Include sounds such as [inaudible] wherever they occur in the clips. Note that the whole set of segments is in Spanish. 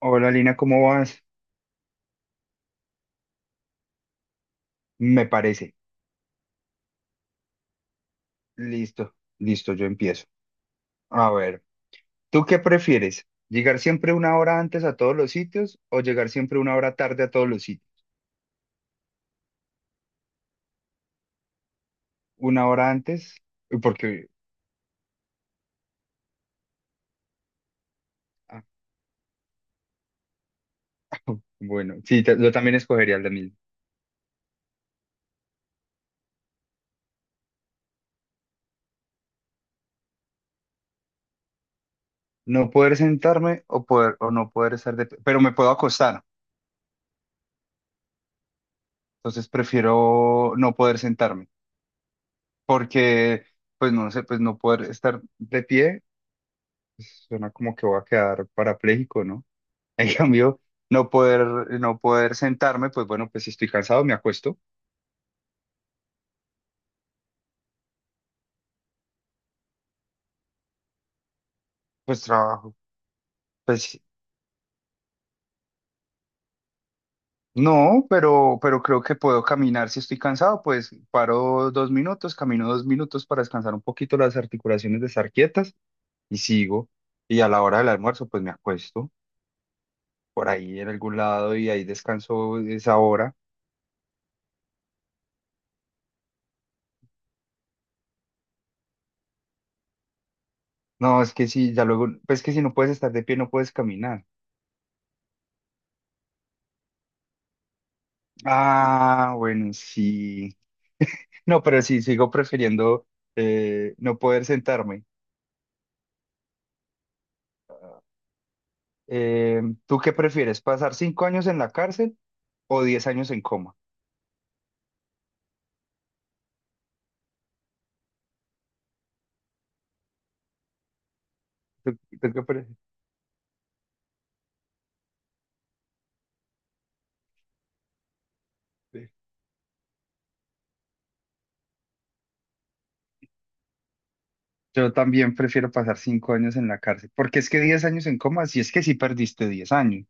Hola Lina, ¿cómo vas? Me parece. Listo, listo, yo empiezo. A ver, ¿tú qué prefieres? ¿Llegar siempre una hora antes a todos los sitios o llegar siempre una hora tarde a todos los sitios? Una hora antes, porque, ah, bueno, sí, yo también escogería la misma. No poder sentarme o no poder estar de pie, pero me puedo acostar, entonces prefiero no poder sentarme, porque, pues no sé, pues no poder estar de pie, pues, suena como que voy a quedar parapléjico, ¿no? [laughs] En cambio, no poder sentarme, pues bueno, pues si estoy cansado, me acuesto, pues trabajo. Pues no, pero creo que puedo caminar si estoy cansado, pues paro 2 minutos, camino 2 minutos para descansar un poquito las articulaciones de estar quietas y sigo. Y a la hora del almuerzo, pues me acuesto por ahí en algún lado y ahí descanso esa hora. No, es que si ya luego, pues es que si no puedes estar de pie, no puedes caminar. Ah, bueno, sí. No, pero sí, sigo prefiriendo no poder sentarme. ¿Tú qué prefieres? ¿Pasar 5 años en la cárcel o 10 años en coma? ¿Tú qué prefieres? Yo también prefiero pasar 5 años en la cárcel, porque es que 10 años en coma, si es que sí perdiste 10 años.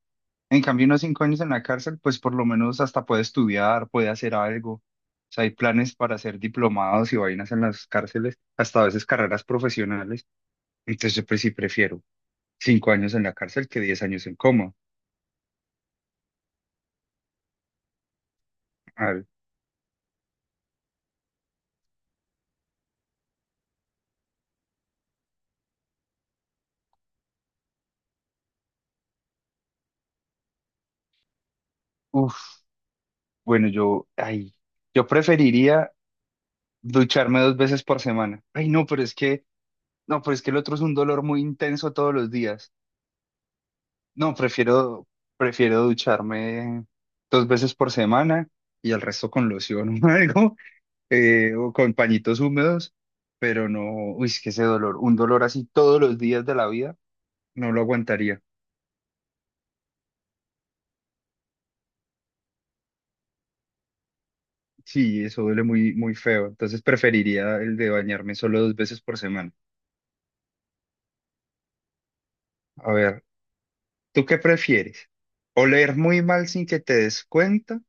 En cambio, unos 5 años en la cárcel, pues por lo menos hasta puede estudiar, puede hacer algo. O sea, hay planes para hacer diplomados y vainas en las cárceles, hasta a veces carreras profesionales. Entonces, yo, pues sí prefiero 5 años en la cárcel que 10 años en coma. A Uf, bueno, yo preferiría ducharme 2 veces por semana. Ay, no, pero es que, no, pero es que el otro es un dolor muy intenso todos los días. No, prefiero ducharme 2 veces por semana y el resto con loción [laughs] o algo, o con pañitos húmedos, pero no, uy, es que ese dolor, un dolor así todos los días de la vida, no lo aguantaría. Sí, eso duele muy, muy feo. Entonces preferiría el de bañarme solo 2 veces por semana. A ver. ¿Tú qué prefieres? ¿Oler muy mal sin que te des cuenta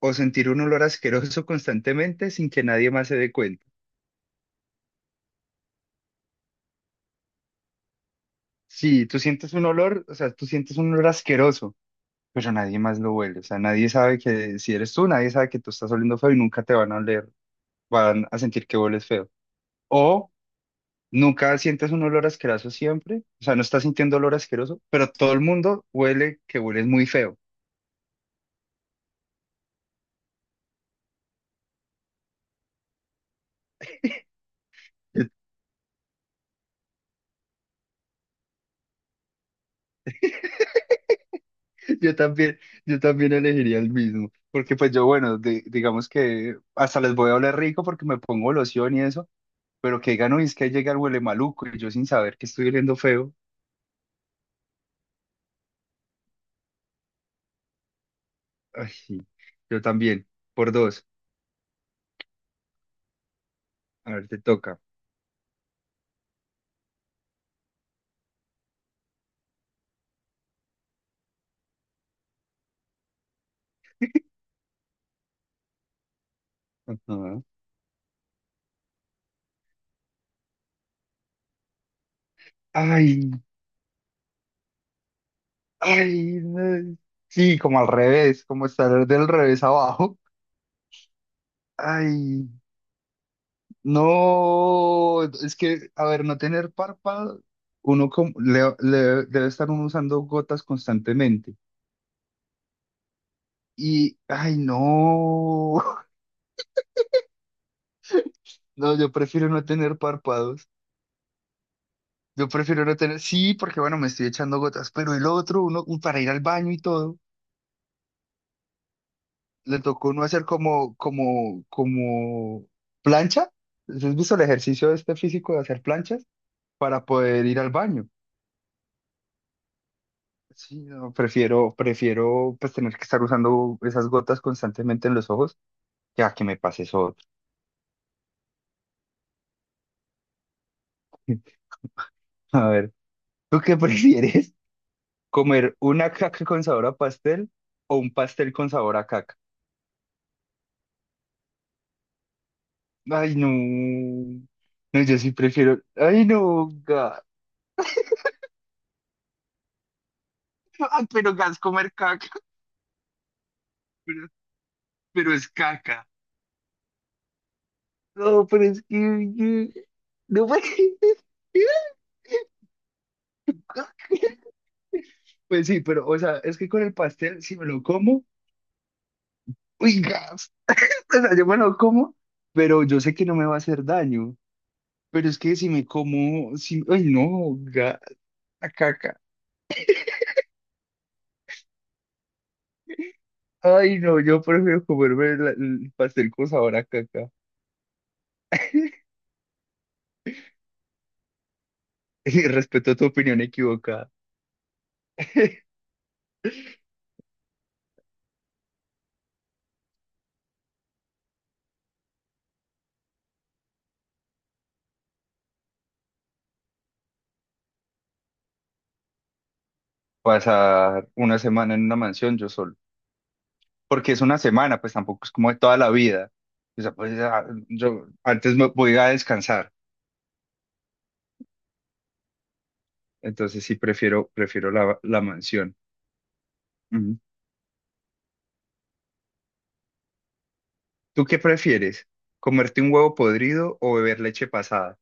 o sentir un olor asqueroso [laughs] constantemente sin que nadie más se dé cuenta? Sí, tú sientes un olor, o sea, tú sientes un olor asqueroso, pero nadie más lo huele, o sea, nadie sabe que si eres tú, nadie sabe que tú estás oliendo feo y nunca te van a oler, van a sentir que hueles feo. O nunca sientes un olor asqueroso siempre, o sea, no estás sintiendo olor asqueroso, pero todo el mundo huele que hueles muy feo. [laughs] Yo también, yo también elegiría el mismo, porque pues yo, bueno, digamos que hasta les voy a oler rico porque me pongo loción y eso, pero que digan, uy, es que llega el huele maluco y yo sin saber que estoy oliendo feo. Ay, sí, yo también, por dos. A ver, te toca. Ajá. Ay, ay, no. Sí, como al revés, como estar del revés abajo. Ay. No, es que, a ver, no tener párpado, uno como, debe estar uno usando gotas constantemente. Ay, no, [laughs] no, yo prefiero no tener párpados. Yo prefiero no tener, sí, porque bueno, me estoy echando gotas, pero el otro, uno, para ir al baño y todo, le tocó uno hacer como plancha. ¿Has visto el ejercicio este físico de hacer planchas para poder ir al baño? Sí, no, prefiero pues tener que estar usando esas gotas constantemente en los ojos, ya que me pases eso. [laughs] A ver, ¿tú qué [laughs] prefieres? ¿Comer una caca con sabor a pastel o un pastel con sabor a caca? Ay, no. No, yo sí prefiero. Ay, no, gas. Ay, pero gas comer caca, [laughs] pero, pero es caca. No, pero es que. No me... [laughs] Pues sí, pero, o sea, es que con el pastel, si me lo como, uy, gas. [laughs] O sea, yo me lo como, pero yo sé que no me va a hacer daño. Pero es que si me como, si, ay no, la caca. Ay no, yo prefiero comerme el pastel con sabor a caca. [laughs] Y respeto tu opinión equivocada. [laughs] Pasar una semana en una mansión yo solo. Porque es una semana, pues tampoco es como de toda la vida. O sea, pues ya, yo antes me voy a descansar. Entonces sí prefiero, la mansión. Ujú. ¿Tú qué prefieres? ¿Comerte un huevo podrido o beber leche pasada?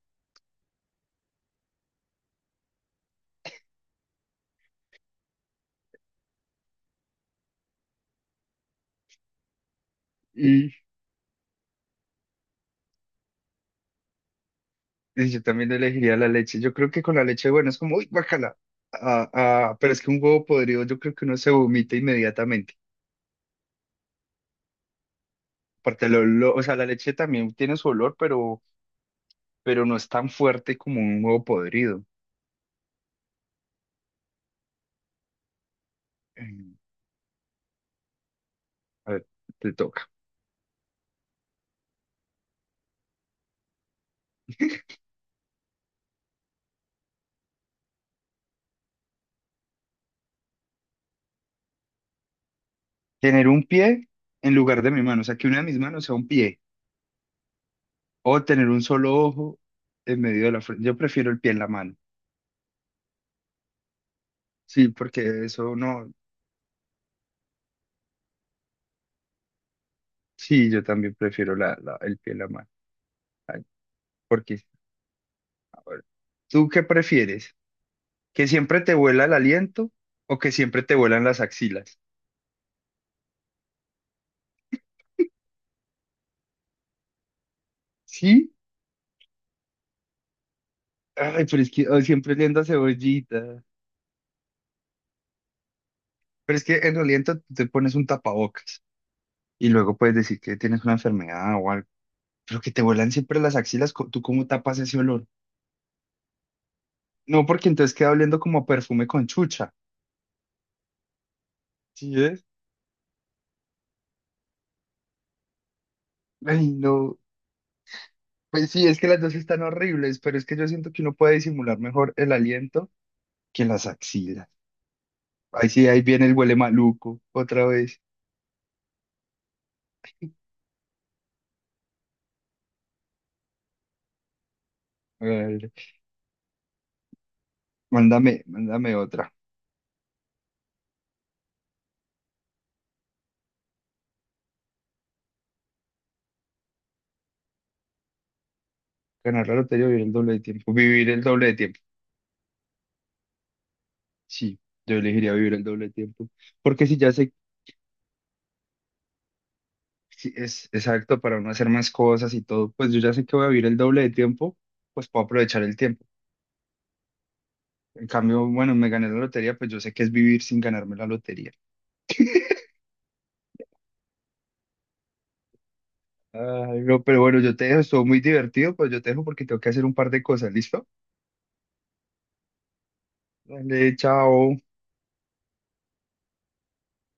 Y, y yo también elegiría la leche. Yo creo que con la leche, bueno, es como, uy, guácala. Pero es que un huevo podrido, yo creo que uno se vomita inmediatamente. Aparte, el olor, o sea, la leche también tiene su olor, pero no es tan fuerte como un huevo podrido. Em, A ver, te toca. Tener un pie en lugar de mi mano, o sea, que una de mis manos sea un pie. O tener un solo ojo en medio de la frente. Yo prefiero el pie en la mano. Sí, porque eso no. Sí, yo también prefiero el pie en la mano. Ay, porque bueno, ¿tú qué prefieres? ¿Que siempre te vuela el aliento o que siempre te vuelan las axilas? ¿Sí? Ay, pero es que ay, siempre oliendo a cebollita. Pero es que en el aliento tú te pones un tapabocas y luego puedes decir que tienes una enfermedad o algo. Pero que te vuelan siempre las axilas, ¿tú cómo tapas ese olor? No, porque entonces queda oliendo como a perfume con chucha. ¿Sí es? Ay, no. Pues sí, es que las dos están horribles, pero es que yo siento que uno puede disimular mejor el aliento que las axilas. Ahí sí, ahí viene el huele maluco, otra vez. A ver, mándame otra. Ganar la lotería o vivir el doble de tiempo. Vivir el doble de tiempo. Sí, yo elegiría vivir el doble de tiempo. Porque si ya sé, si es exacto para uno hacer más cosas y todo, pues yo ya sé que voy a vivir el doble de tiempo, pues puedo aprovechar el tiempo. En cambio, bueno, me gané la lotería, pues yo sé que es vivir sin ganarme la lotería. Ay, no, pero bueno, yo te dejo, estuvo muy divertido, pues yo te dejo porque tengo que hacer un par de cosas, ¿listo? Dale, chao.